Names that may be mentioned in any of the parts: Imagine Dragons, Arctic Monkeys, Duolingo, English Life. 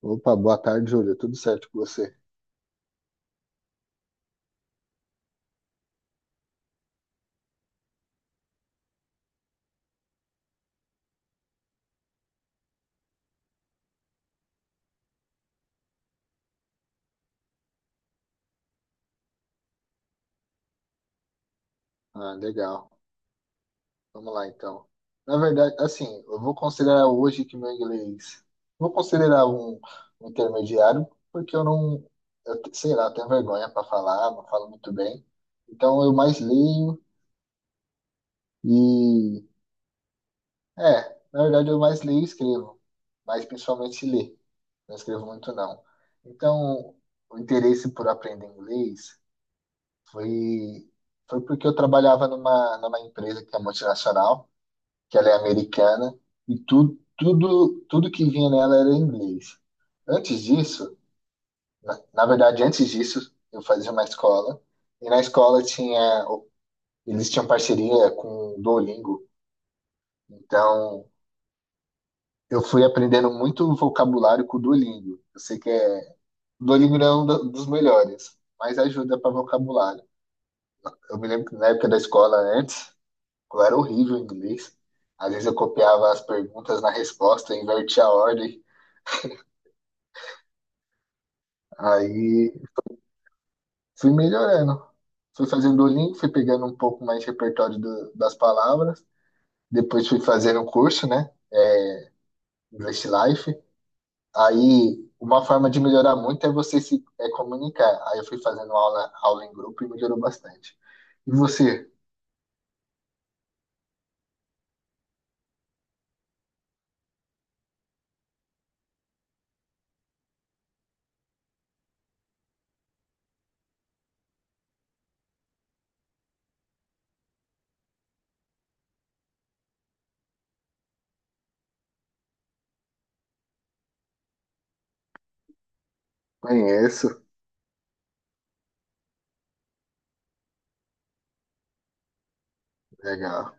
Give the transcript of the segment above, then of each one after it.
Opa, boa tarde, Júlio. Tudo certo com você? Ah, legal. Vamos lá, então. Na verdade, assim, eu vou considerar hoje que meu inglês. Vou considerar um intermediário, porque eu não. Eu, sei lá, tenho vergonha para falar, não falo muito bem. Então, eu mais leio e. É, na verdade, eu mais leio e escrevo, mas principalmente ler. Não escrevo muito, não. Então, o interesse por aprender inglês. Foi, foi porque eu trabalhava numa empresa que é multinacional, que ela é americana, e tu, tudo que vinha nela era em inglês. Antes disso, na verdade, antes disso, eu fazia uma escola, e na escola tinha, eles tinham parceria com o Duolingo, então eu fui aprendendo muito vocabulário com o Duolingo. Eu sei que é, o Duolingo não é um dos melhores, mas ajuda para vocabulário. Eu me lembro que na época da escola, antes, eu era horrível em inglês. Às vezes eu copiava as perguntas na resposta, invertia a ordem. Aí fui melhorando. Fui fazendo o link, fui pegando um pouco mais de repertório das palavras. Depois fui fazendo um curso, né? É, English Life. Aí uma forma de melhorar muito é você se é comunicar. Aí eu fui fazendo aula, aula em grupo e melhorou bastante. E você? Conheço. Legal.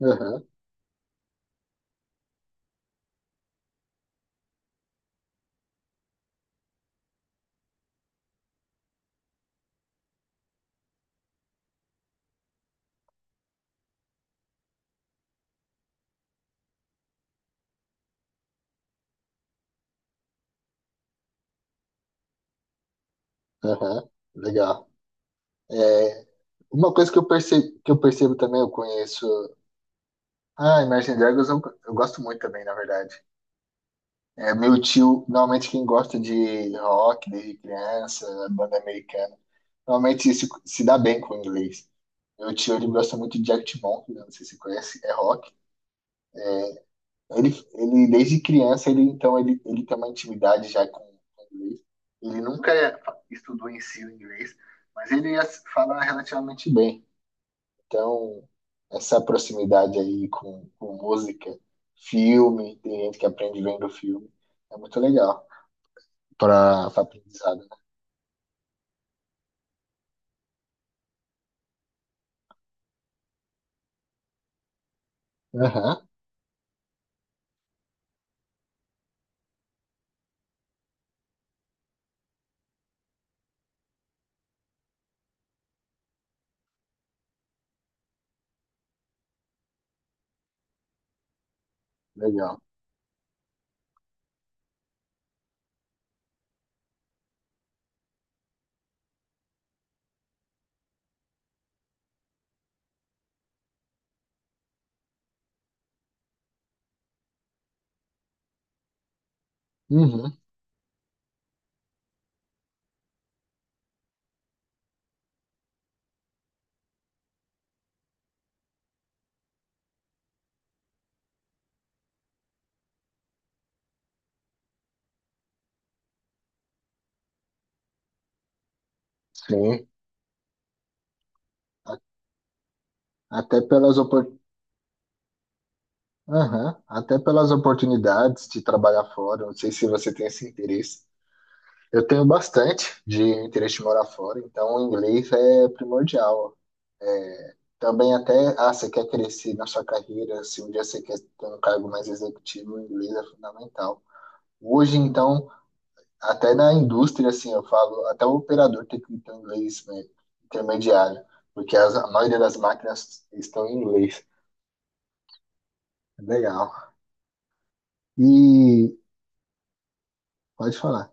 Aham, aham, legal. Uma coisa que eu percebo também, eu conheço. Ah, Imagine Dragons eu gosto muito também, na verdade. É meu tio, normalmente quem gosta de rock desde criança, banda americana, normalmente se dá bem com o inglês. Meu tio, ele gosta muito de Arctic Monkeys, né? Não sei se você conhece, é rock. Ele desde criança, ele então ele tem uma intimidade já com o inglês. Ele nunca é, estudou em si o inglês, mas ele fala relativamente bem. Então, essa proximidade aí com música, filme, tem gente que aprende vendo filme, é muito legal para aprendizado. Né? Aham, legal. Uhum, sim. A- Até pelas aham, até pelas oportunidades de trabalhar fora, não sei se você tem esse interesse. Eu tenho bastante de interesse de morar fora, então o inglês é primordial. É, também até, ah, você quer crescer na sua carreira, se um dia você quer ter um cargo mais executivo, o inglês é fundamental. Hoje, então, até na indústria, assim, eu falo, até o operador tem que ter um inglês, né, intermediário, porque a maioria das máquinas estão em inglês. Legal. E pode falar.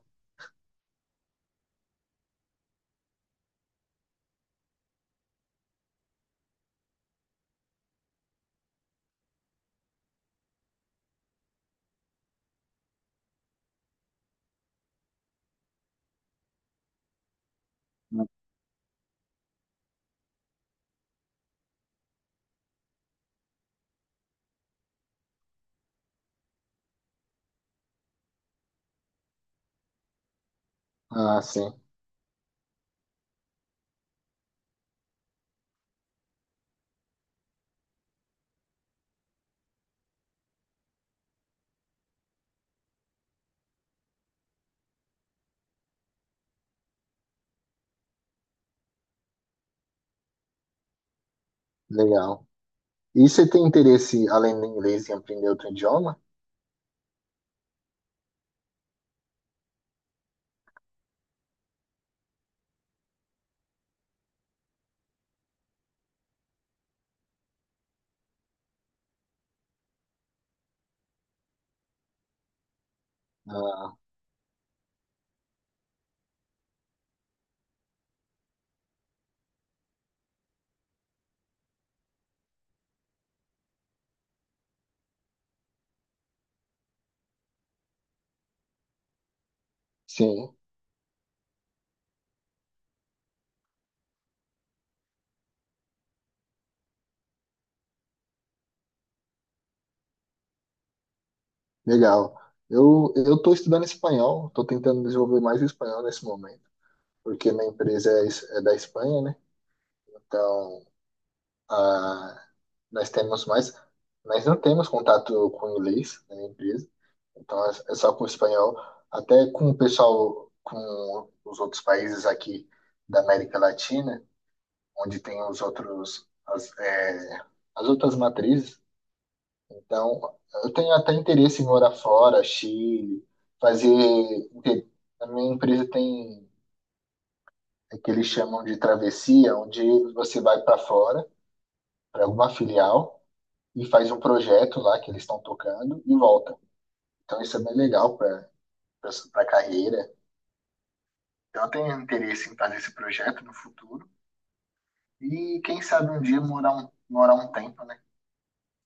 Ah, sim, legal. E você tem interesse, além do inglês, em aprender outro idioma? Ah, sim. Legal. Eu estou estudando espanhol, estou tentando desenvolver mais o espanhol nesse momento, porque minha empresa é, é da Espanha, né? Então, ah, nós temos mais, nós não temos contato com o inglês na minha empresa, então é, é só com o espanhol, até com o pessoal, com os outros países aqui da América Latina, onde tem os outros, as, é, as outras matrizes. Então, eu tenho até interesse em morar fora, Chile, fazer. inte- A minha empresa tem é o que eles chamam de travessia, onde você vai para fora, para alguma filial, e faz um projeto lá que eles estão tocando e volta. Então, isso é bem legal para a carreira. Então, eu tenho interesse em fazer esse projeto no futuro. E quem sabe um dia morar um tempo, né?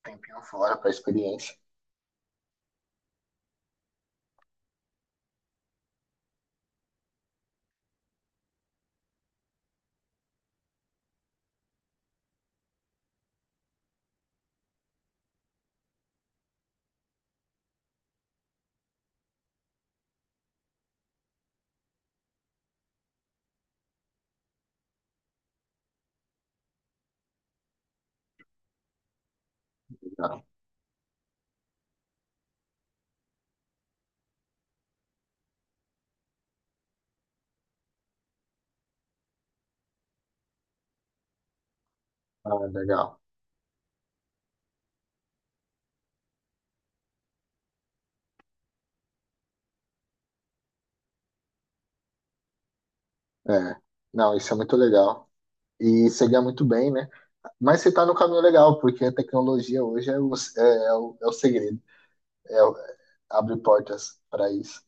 Um tempinho fora para experiência. Legal. Ah, legal. É. Não, isso é muito legal. E você ganha muito bem, né? Mas você está no caminho legal, porque a tecnologia hoje é é, é o segredo, é, o- abre portas para isso.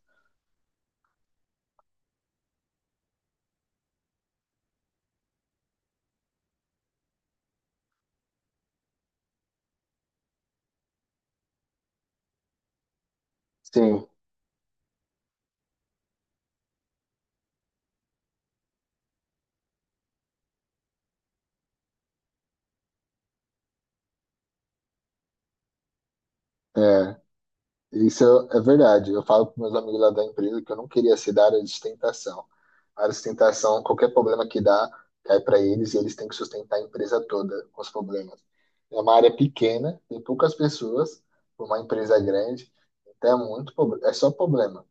Sim, é, isso é verdade. Eu falo para meus amigos lá da empresa que eu não queria ser da área de sustentação. A área de sustentação, qualquer problema que dá, cai para eles e eles têm que sustentar a empresa toda com os problemas. É uma área pequena, tem poucas pessoas, uma empresa grande, então é é só problema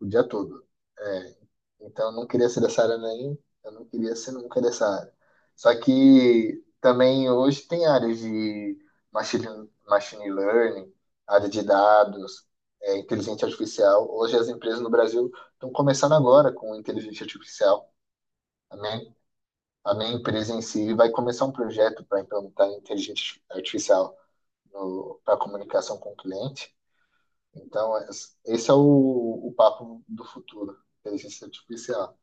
o dia todo. É, então, eu não queria ser nunca dessa área. Só que também hoje tem áreas de machine, machine learning, área de dados, é, inteligência artificial. Hoje as empresas no Brasil estão começando agora com inteligência artificial. A minha, a minha empresa em si vai começar um projeto para implementar inteligência artificial para comunicação com o cliente. Então, esse é o papo do futuro, inteligência artificial.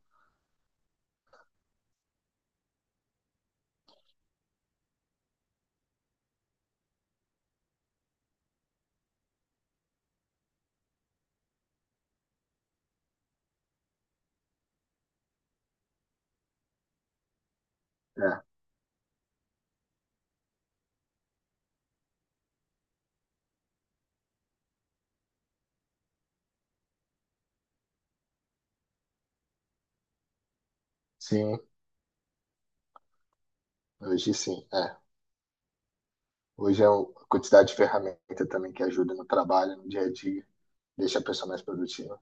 É. Sim, hoje sim, é. Hoje é a quantidade de ferramenta também que ajuda no trabalho, no dia a dia, deixa a pessoa mais produtiva.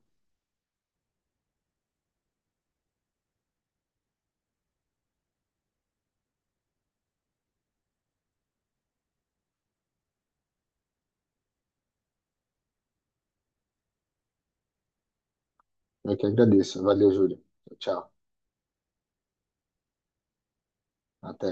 Eu que agradeço. Valeu, Júlio. Tchau. Até.